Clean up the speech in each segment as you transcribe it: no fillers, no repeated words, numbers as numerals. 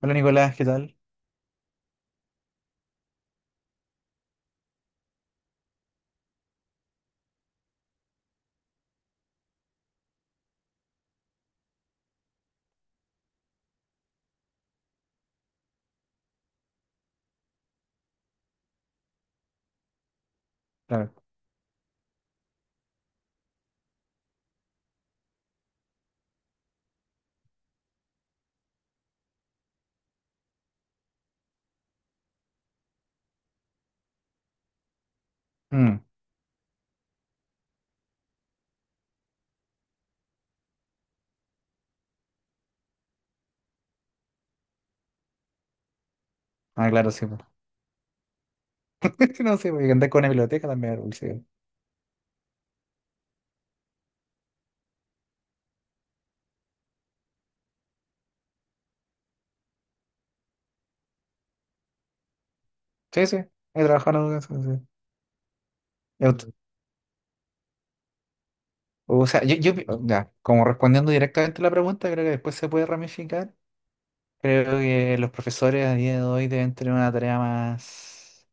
Hola Nicolás, ¿qué tal? Claro. Mm, Ah, claro, sí. po. No sé, porque andar con una biblioteca también era dulce. Sí, sí, he trabajado en educación, sí. He ut- O sea, ya, como respondiendo directamente a la pregunta, creo que después se puede ramificar. Creo que los profesores a día de hoy deben tener una tarea más,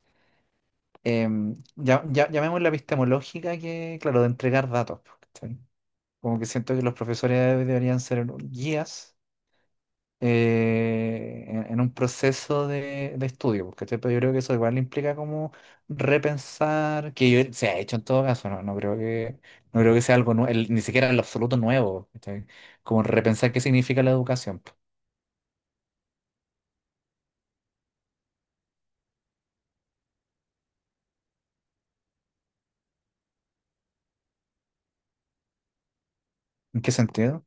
ya, llamémosla epistemológica, que, claro, de entregar datos. Po, ¿cachai? Como que siento que los profesores deberían ser guías en un proceso de estudio, porque pero yo creo que eso igual implica como repensar, se ha hecho en todo caso, no, no creo que sea algo nuevo, ni siquiera en lo absoluto nuevo, ¿cachai? Como repensar qué significa la educación. Po. ¿En qué sentido?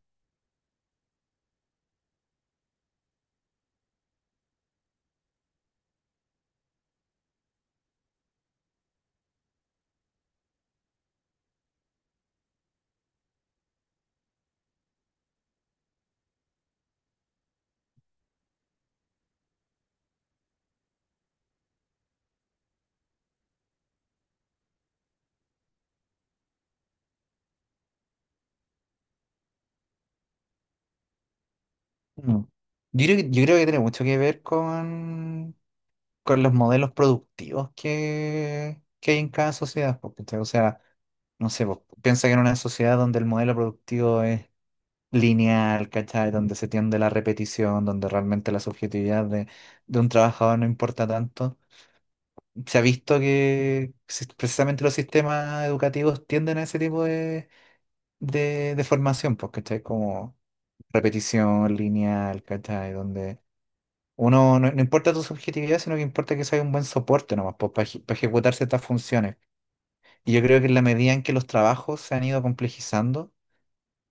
Mm. Yo creo que tiene mucho que ver con los modelos productivos que hay en cada sociedad, porque, o sea, no sé, vos piensa que en una sociedad donde el modelo productivo lineal, ¿cachai? Donde se tiende la repetición, donde realmente la subjetividad de un trabajador no importa tanto. Se ha visto que precisamente los sistemas educativos tienden a ese tipo de, de formación, pues, ¿cachai? Como repetición lineal, ¿cachai? Donde uno no, no importa tu subjetividad, sino que importa que sea un buen soporte nomás, pues, para ejecutar ciertas funciones. Y yo creo que en la medida en que los trabajos se han ido complejizando,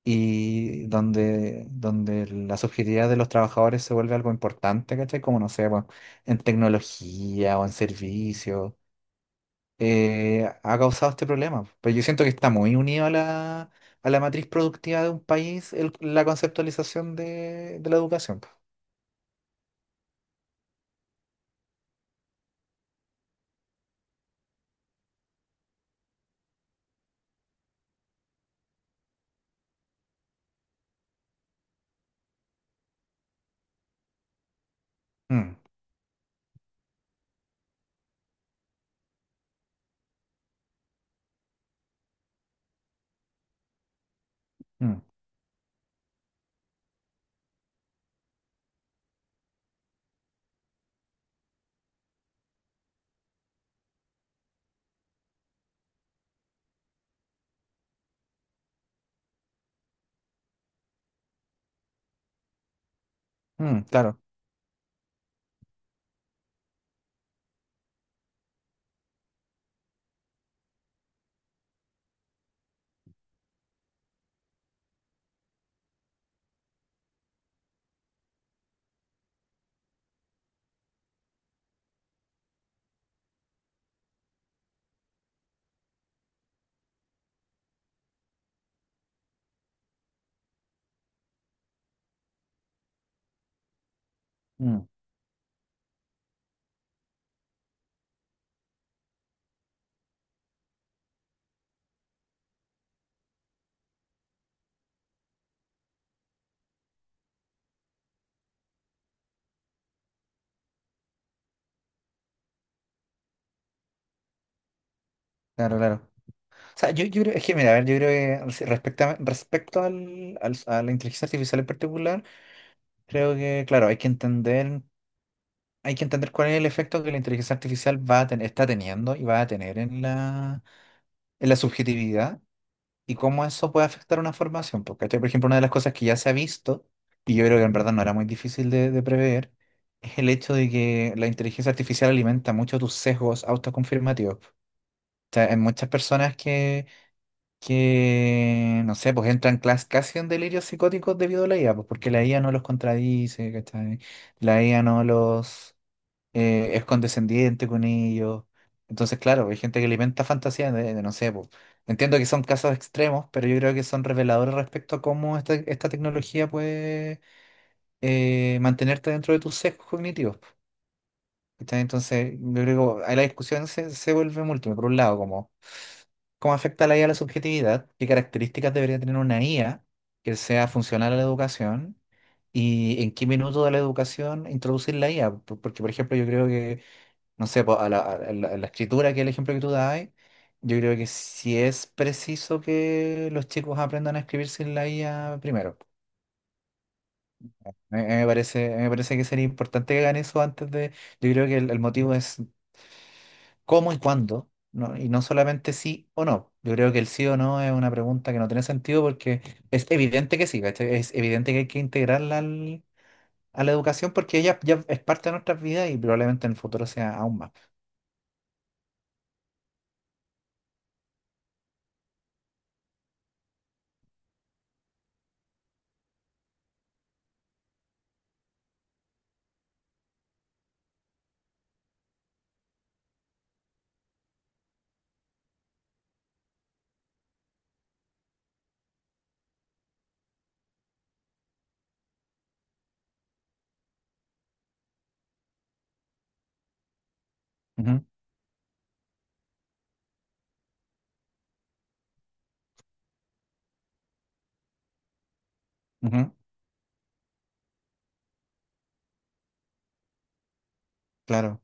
y donde, donde la subjetividad de los trabajadores se vuelve algo importante, ¿cachai? Como no sé, bueno, en tecnología o en servicios ha causado este problema. Pero yo siento que está muy unido a la matriz productiva de un país la conceptualización de la educación. Po. Mm, mm, mm, claro, mm, claro, claro. O sea, yo creo, es que mira, a ver, yo creo que respecto a, a la inteligencia artificial en particular, creo que, claro, hay que entender cuál es el efecto que la inteligencia artificial va a tener, está teniendo y va a tener en la subjetividad y cómo eso puede afectar una formación. Porque, ¿cachai? Por ejemplo, una de las cosas que ya se ha visto, y yo creo que en verdad no era muy difícil de prever, es el hecho de que la inteligencia artificial alimenta mucho tus sesgos autoconfirmativos. Pues. O sea, hay muchas personas que, no sé, pues entran casi en delirios psicóticos debido a la IA, pues porque la IA no los contradice, ¿cachai? La IA no los eh, es condescendiente con ellos. Entonces, claro, hay gente que alimenta fantasía de no sé, po. Entiendo que son casos extremos, pero yo creo que son reveladores respecto a cómo esta, esta tecnología puede mantenerte dentro de tus sesgos cognitivos. Po. ¿Cachai? Entonces, yo creo que ahí la discusión se, se vuelve múltiple. Por un lado, como cómo afecta la IA a la subjetividad, qué características debería tener una IA que sea funcional a la educación y en qué minuto de la educación introducir la IA. Porque, por ejemplo, yo creo que no sé, po, a la, a la escritura, que es el ejemplo que tú das, yo creo que sí es preciso que los chicos aprendan a escribir sin la IA primero. A mí me parece, a mí me parece que sería importante que hagan eso antes de. Yo creo que el motivo es cómo y cuándo, ¿no? Y no solamente sí o no. Yo creo que el sí o no es una pregunta que no tiene sentido porque es evidente que sí, ¿cachai? Es evidente que hay que integrarla a la educación porque ella ya es parte de nuestras vidas y probablemente en el futuro sea aún más. Ujú, ujú, claro.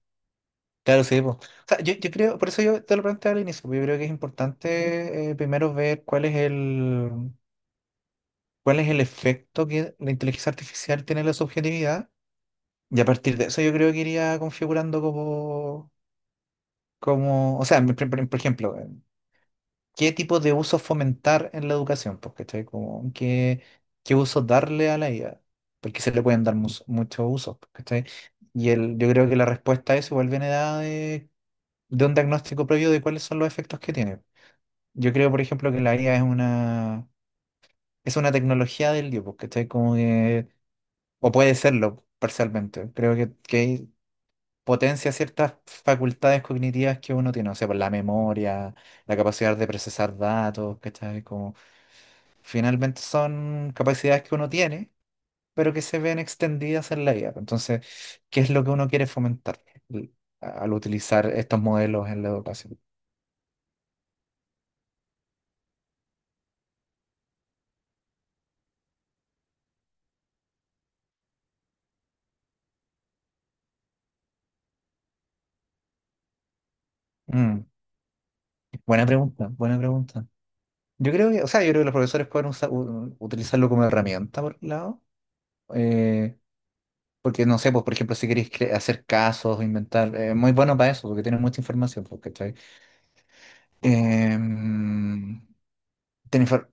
Claro, sí. po. O sea, yo creo, por eso yo te lo planteaba al inicio, porque yo creo que es importante primero ver cuál es cuál es el efecto que la inteligencia artificial tiene en la subjetividad. Y a partir de eso yo creo que iría configurando como, como, o sea, por ejemplo, ¿qué tipo de uso fomentar en la educación? Pues, ¿cachai? Como, ¿qué, qué uso darle a la IA? Porque se le pueden dar muchos usos, pues, ¿cachai? Y el, yo creo que la respuesta a eso igual viene dada de un diagnóstico previo de cuáles son los efectos que tiene. Yo creo, por ejemplo, que la IA es una tecnología del Dios, porque está como que, o puede serlo parcialmente. Que potencia ciertas facultades cognitivas que uno tiene, o sea, por la memoria, la capacidad de procesar datos, ¿cachai? Como, finalmente son capacidades que uno tiene, pero que se ven extendidas en la IA. Entonces, ¿qué es lo que uno quiere fomentar al al utilizar estos modelos en la educación? Mm. Buena pregunta, buena pregunta. Yo creo que, o sea, yo creo que los profesores pueden utilizarlo como herramienta por un lado, eh, porque no sé, pues por ejemplo, si queréis hacer casos, inventar, muy bueno para eso, porque tienen mucha información, pues, ¿cachai? Em, tiene infor-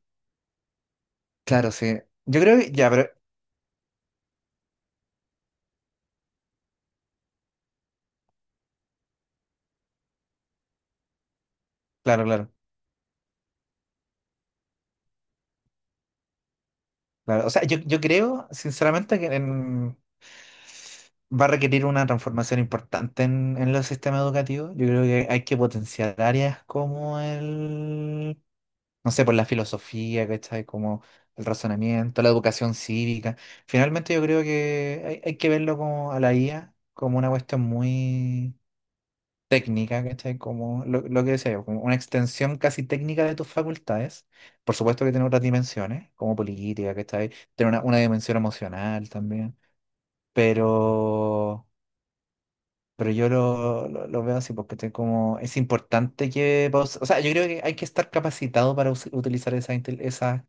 claro, sí. Yo creo que, ya, pero, claro, claro, claro. O sea, yo creo, sinceramente, va a requerir una transformación importante en los sistemas educativos. Yo creo que hay que potenciar áreas como el no sé, por la filosofía, ¿cachai? Como el razonamiento, la educación cívica. Finalmente yo creo que hay que verlo como a la IA como una cuestión muy técnica, ¿cachai? Como lo que decía yo, como una extensión casi técnica de tus facultades. Por supuesto que tiene otras dimensiones, como política, ¿cachai? Tiene una dimensión emocional también. Pero pero yo lo veo así porque estoy como, es importante que, o sea, yo creo que hay que estar capacitado para utilizar esas, esas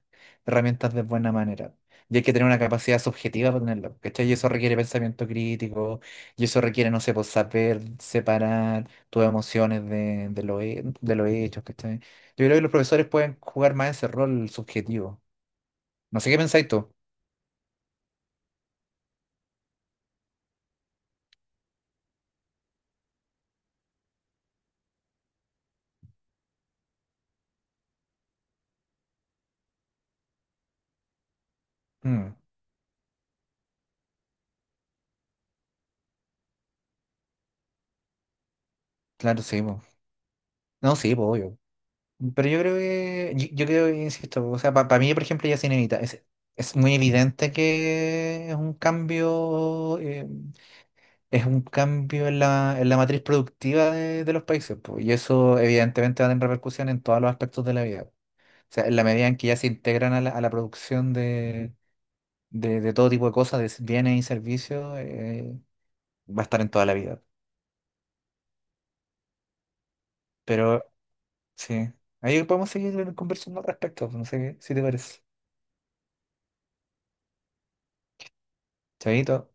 herramientas de buena manera. Y hay que tener una capacidad subjetiva para tenerlo, ¿cachai? Y eso requiere pensamiento crítico, y eso requiere, no sé, pues saber separar tus emociones de lo, de los hechos, ¿cachai? Yo creo que los profesores pueden jugar más ese rol subjetivo. No sé qué pensáis tú. Mm, claro, sí, po. No, sí, pues, obvio. Pero yo creo que, yo creo que, insisto, o sea, para mí, por ejemplo, ya se inevita. Es muy evidente que es un cambio en la matriz productiva de los países, po, y eso evidentemente va a tener repercusión en todos los aspectos de la vida. O sea, en la medida en que ya se integran a la producción de, de todo tipo de cosas, de bienes y servicios, va a estar en toda la vida. Pero sí, ahí podemos seguir conversando al respecto, si te parece. Chavito.